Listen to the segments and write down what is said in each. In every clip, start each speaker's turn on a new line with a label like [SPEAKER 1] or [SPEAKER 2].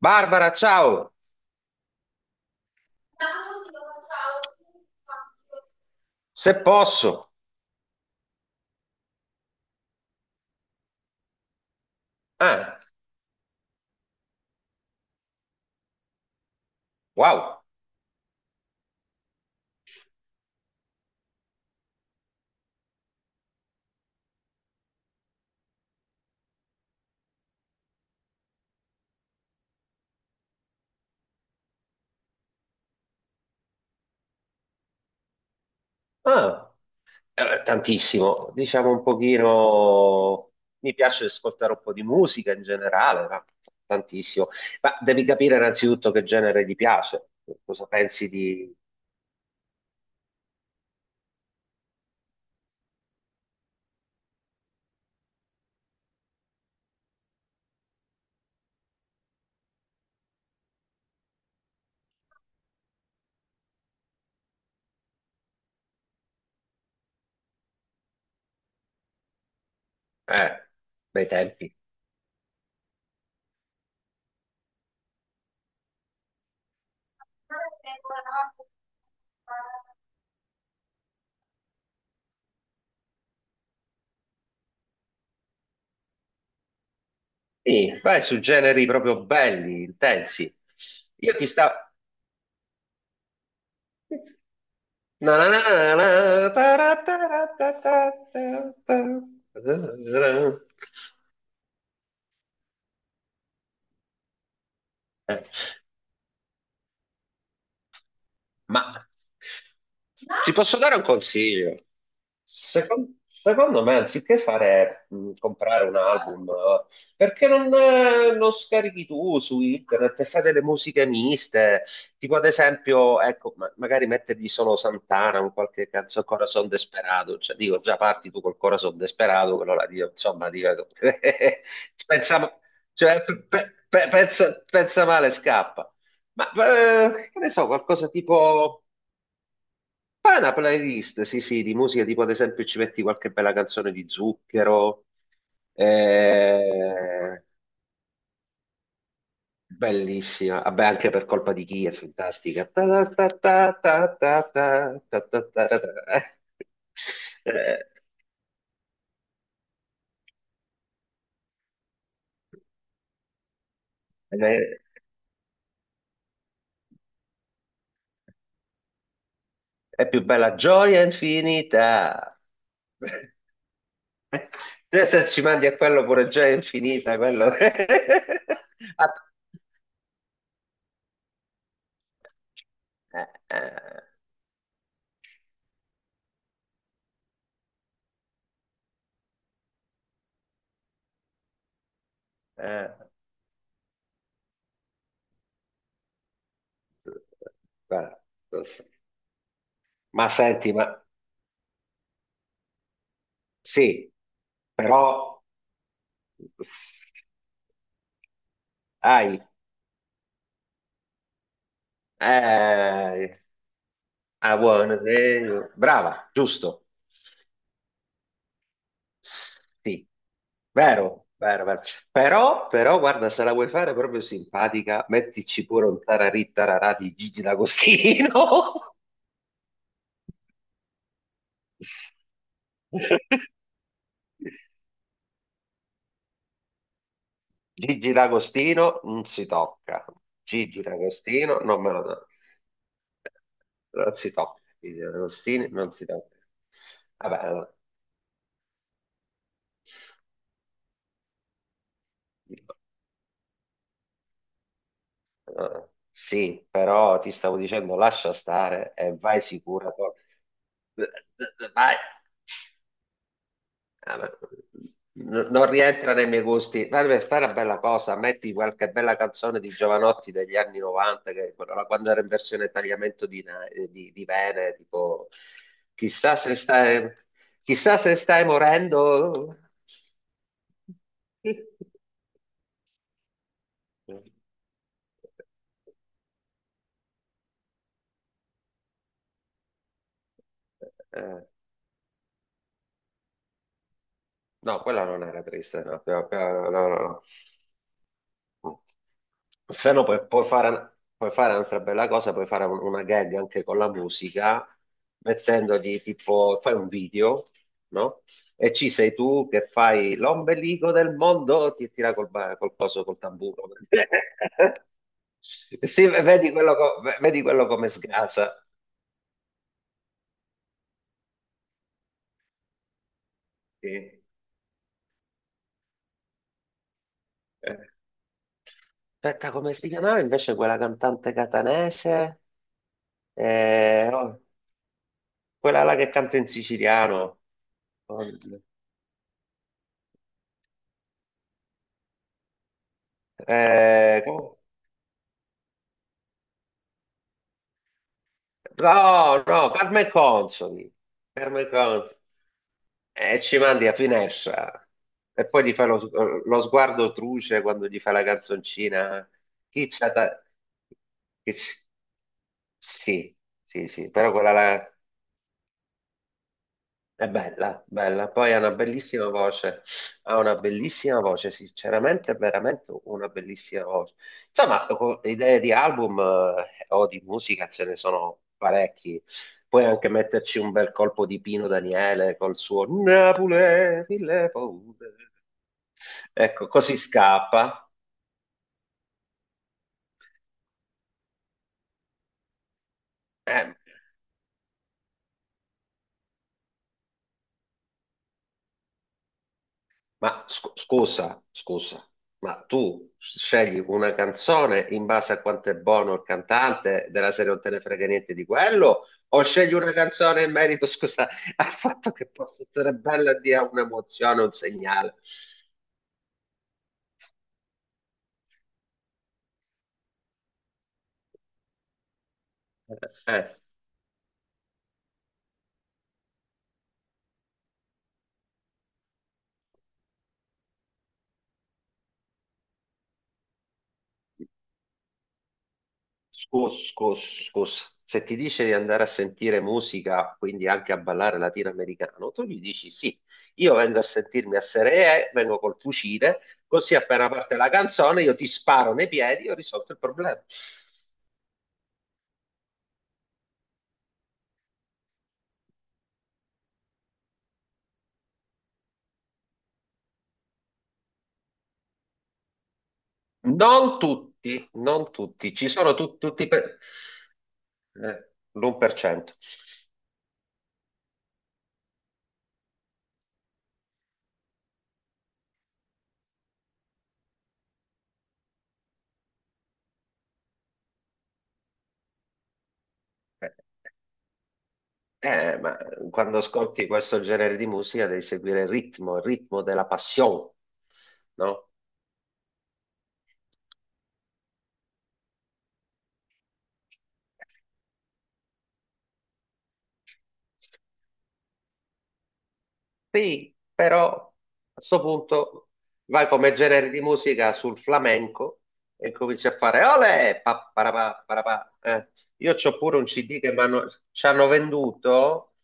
[SPEAKER 1] Barbara, ciao! Se posso. Ah, wow. Ah, tantissimo. Diciamo un pochino. Mi piace ascoltare un po' di musica in generale, ma tantissimo. Ma devi capire innanzitutto che genere ti piace. Cosa pensi di. Eh, bei tempi. Sì, vai su generi proprio belli, intensi. Io ti stavo. Na na na na, na, tara tara ta ta ta ta, ta. Ma ti posso dare un consiglio? Secon- Secondo me, anziché fare, comprare un album, perché non, non scarichi tu su internet e fai delle musiche miste, tipo ad esempio, ecco, magari mettergli solo Santana, un qualche canzone, Corazon Desperado, cioè dico, già parti tu col Corazon Desperado, quello là, dico, insomma, dico, pensa, cioè, pensa pensa male, scappa. Ma che ne so, qualcosa tipo. Fai una playlist, sì, sì, di musica, tipo ad esempio ci metti qualche bella canzone di Zucchero, eh, bellissima, vabbè anche per colpa di chi è fantastica. Ta ta ta ta ta ta ta ta ta ta ta. Eh, eh, è più bella gioia infinita. Se ci mandi a quello pure gioia infinita, quello. Ah, eh, eh, eh, guarda, ma senti, ma sì, però hai, eh, ah, buono, brava, giusto, sì, vero, vero, vero. Però, guarda, se la vuoi fare proprio simpatica, mettici pure un tararì tararà di Gigi D'Agostino. Gigi D'Agostino non si tocca, Gigi D'Agostino non me lo tocca, non si tocca, Gigi D'Agostino non si tocca. Vabbè, allora. Sì, però ti stavo dicendo lascia stare e vai sicura. Poi. Vai. Ah, beh, non rientra nei miei gusti. Dai, per fare una bella cosa, metti qualche bella canzone di Giovanotti degli anni 90, che, quando era in versione tagliamento di, vene, tipo chissà se stai, chissà se stai morendo. Eh, eh. No, quella non era triste, no, no, no, no, no, no. Se no puoi fare un'altra bella cosa, puoi fare una gag anche con la musica, mettendogli tipo, fai un video, no? E ci sei tu che fai l'ombelico del mondo, ti tira col, col coso, col tamburo. Sì, vedi quello come sgasa. Sì. Eh. Aspetta, come si chiamava invece quella cantante catanese? Oh. Quella là che canta in siciliano. Eh, com- no, no, Carmen Consoli. Carmen Consoli. E ci mandi a finestra. E poi gli fa lo sguardo truce quando gli fa la canzoncina. Chi c'ha ta- chi c- Sì, sì, sì, però quella là è bella, bella. Poi ha una bellissima voce, ha una bellissima voce, sinceramente, è veramente una bellissima voce. Insomma, idee di album o di musica ce ne sono parecchi. Puoi anche metterci un bel colpo di Pino Daniele col suo Napoli, mille paure. Ecco, così scappa. Eh, Ma scusa, scusa, ma tu scegli una canzone in base a quanto è buono il cantante della serie non te ne frega niente di quello, o scegli una canzone in merito, scusa, al fatto che possa essere bella e dia un'emozione, un segnale? Eh, Scus, scus, scus. Se ti dice di andare a sentire musica, quindi anche a ballare latinoamericano, tu gli dici sì, io vengo a sentirmi a Seree, vengo col fucile, così appena parte la canzone io ti sparo nei piedi e ho risolto il problema. Non tutti, non tutti, ci sono tutti per. L'1%. Eh, ma quando ascolti questo genere di musica devi seguire il ritmo della passione, no? Sì, però a questo punto vai come genere di musica sul flamenco e cominci a fare olè, pa, parapà, parapà. Io c'ho pure un CD che ci hanno venduto,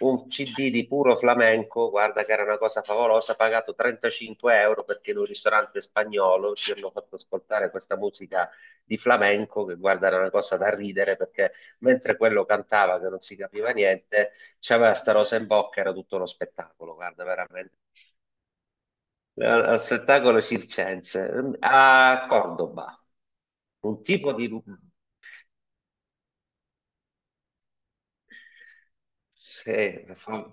[SPEAKER 1] un CD di puro flamenco, guarda che era una cosa favolosa, pagato 35 euro perché in un ristorante spagnolo ci hanno fatto ascoltare questa musica di flamenco, che guarda era una cosa da ridere perché mentre quello cantava che non si capiva niente c'aveva sta rosa in bocca, era tutto uno spettacolo, guarda, veramente. Era uno spettacolo circense. A Cordoba, un tipo di. Sì,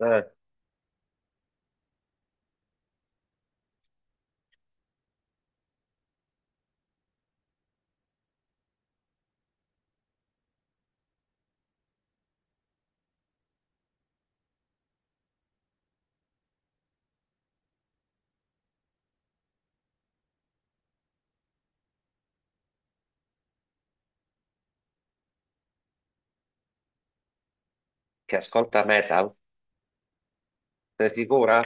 [SPEAKER 1] eh, che ascolta metal, sei sicura?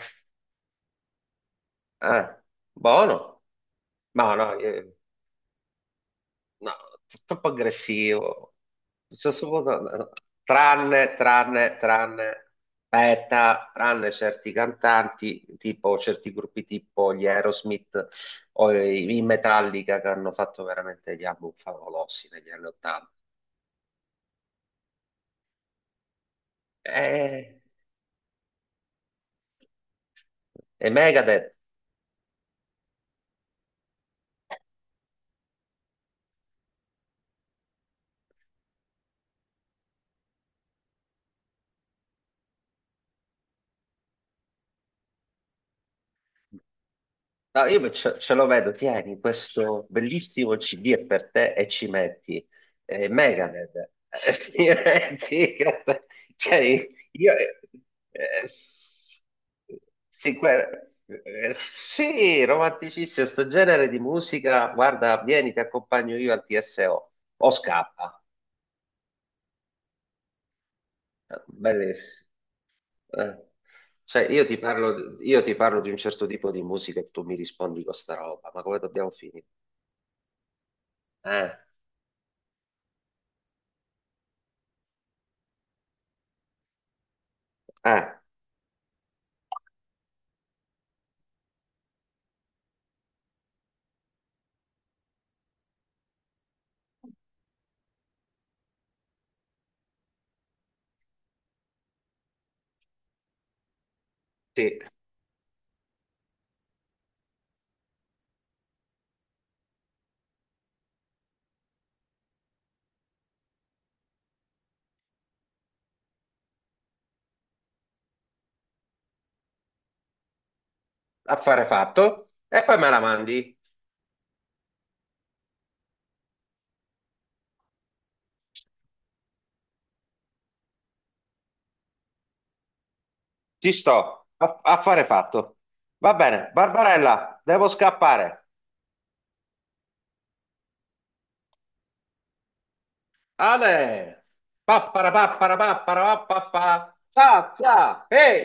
[SPEAKER 1] Eh, buono. Ma no, no, no, troppo aggressivo. Cioè, tranne, tranne, tranne, aspetta, tranne certi cantanti, tipo certi gruppi tipo gli Aerosmith o i Metallica che hanno fatto veramente gli album favolosi negli anni Ottanta. E, e Megadeth. No, io ce lo vedo, tieni questo bellissimo CD è per te e ci metti Megadeth. Sì, cioè, io, eh, s- sì, sì, romanticissimo, sto genere di musica, guarda, vieni, ti accompagno io al TSO, o scappa, bellissimo. Eh. Cioè, io ti parlo di un certo tipo di musica e tu mi rispondi con sta roba, ma come dobbiamo finire? Eh, eh. Sì, affare fatto. E poi me la mandi. Ci sto. Affare fatto. Va bene, Barbarella, devo scappare. Ale! Pappara pappara pappara pappara. Ciao, ciao. Ehi!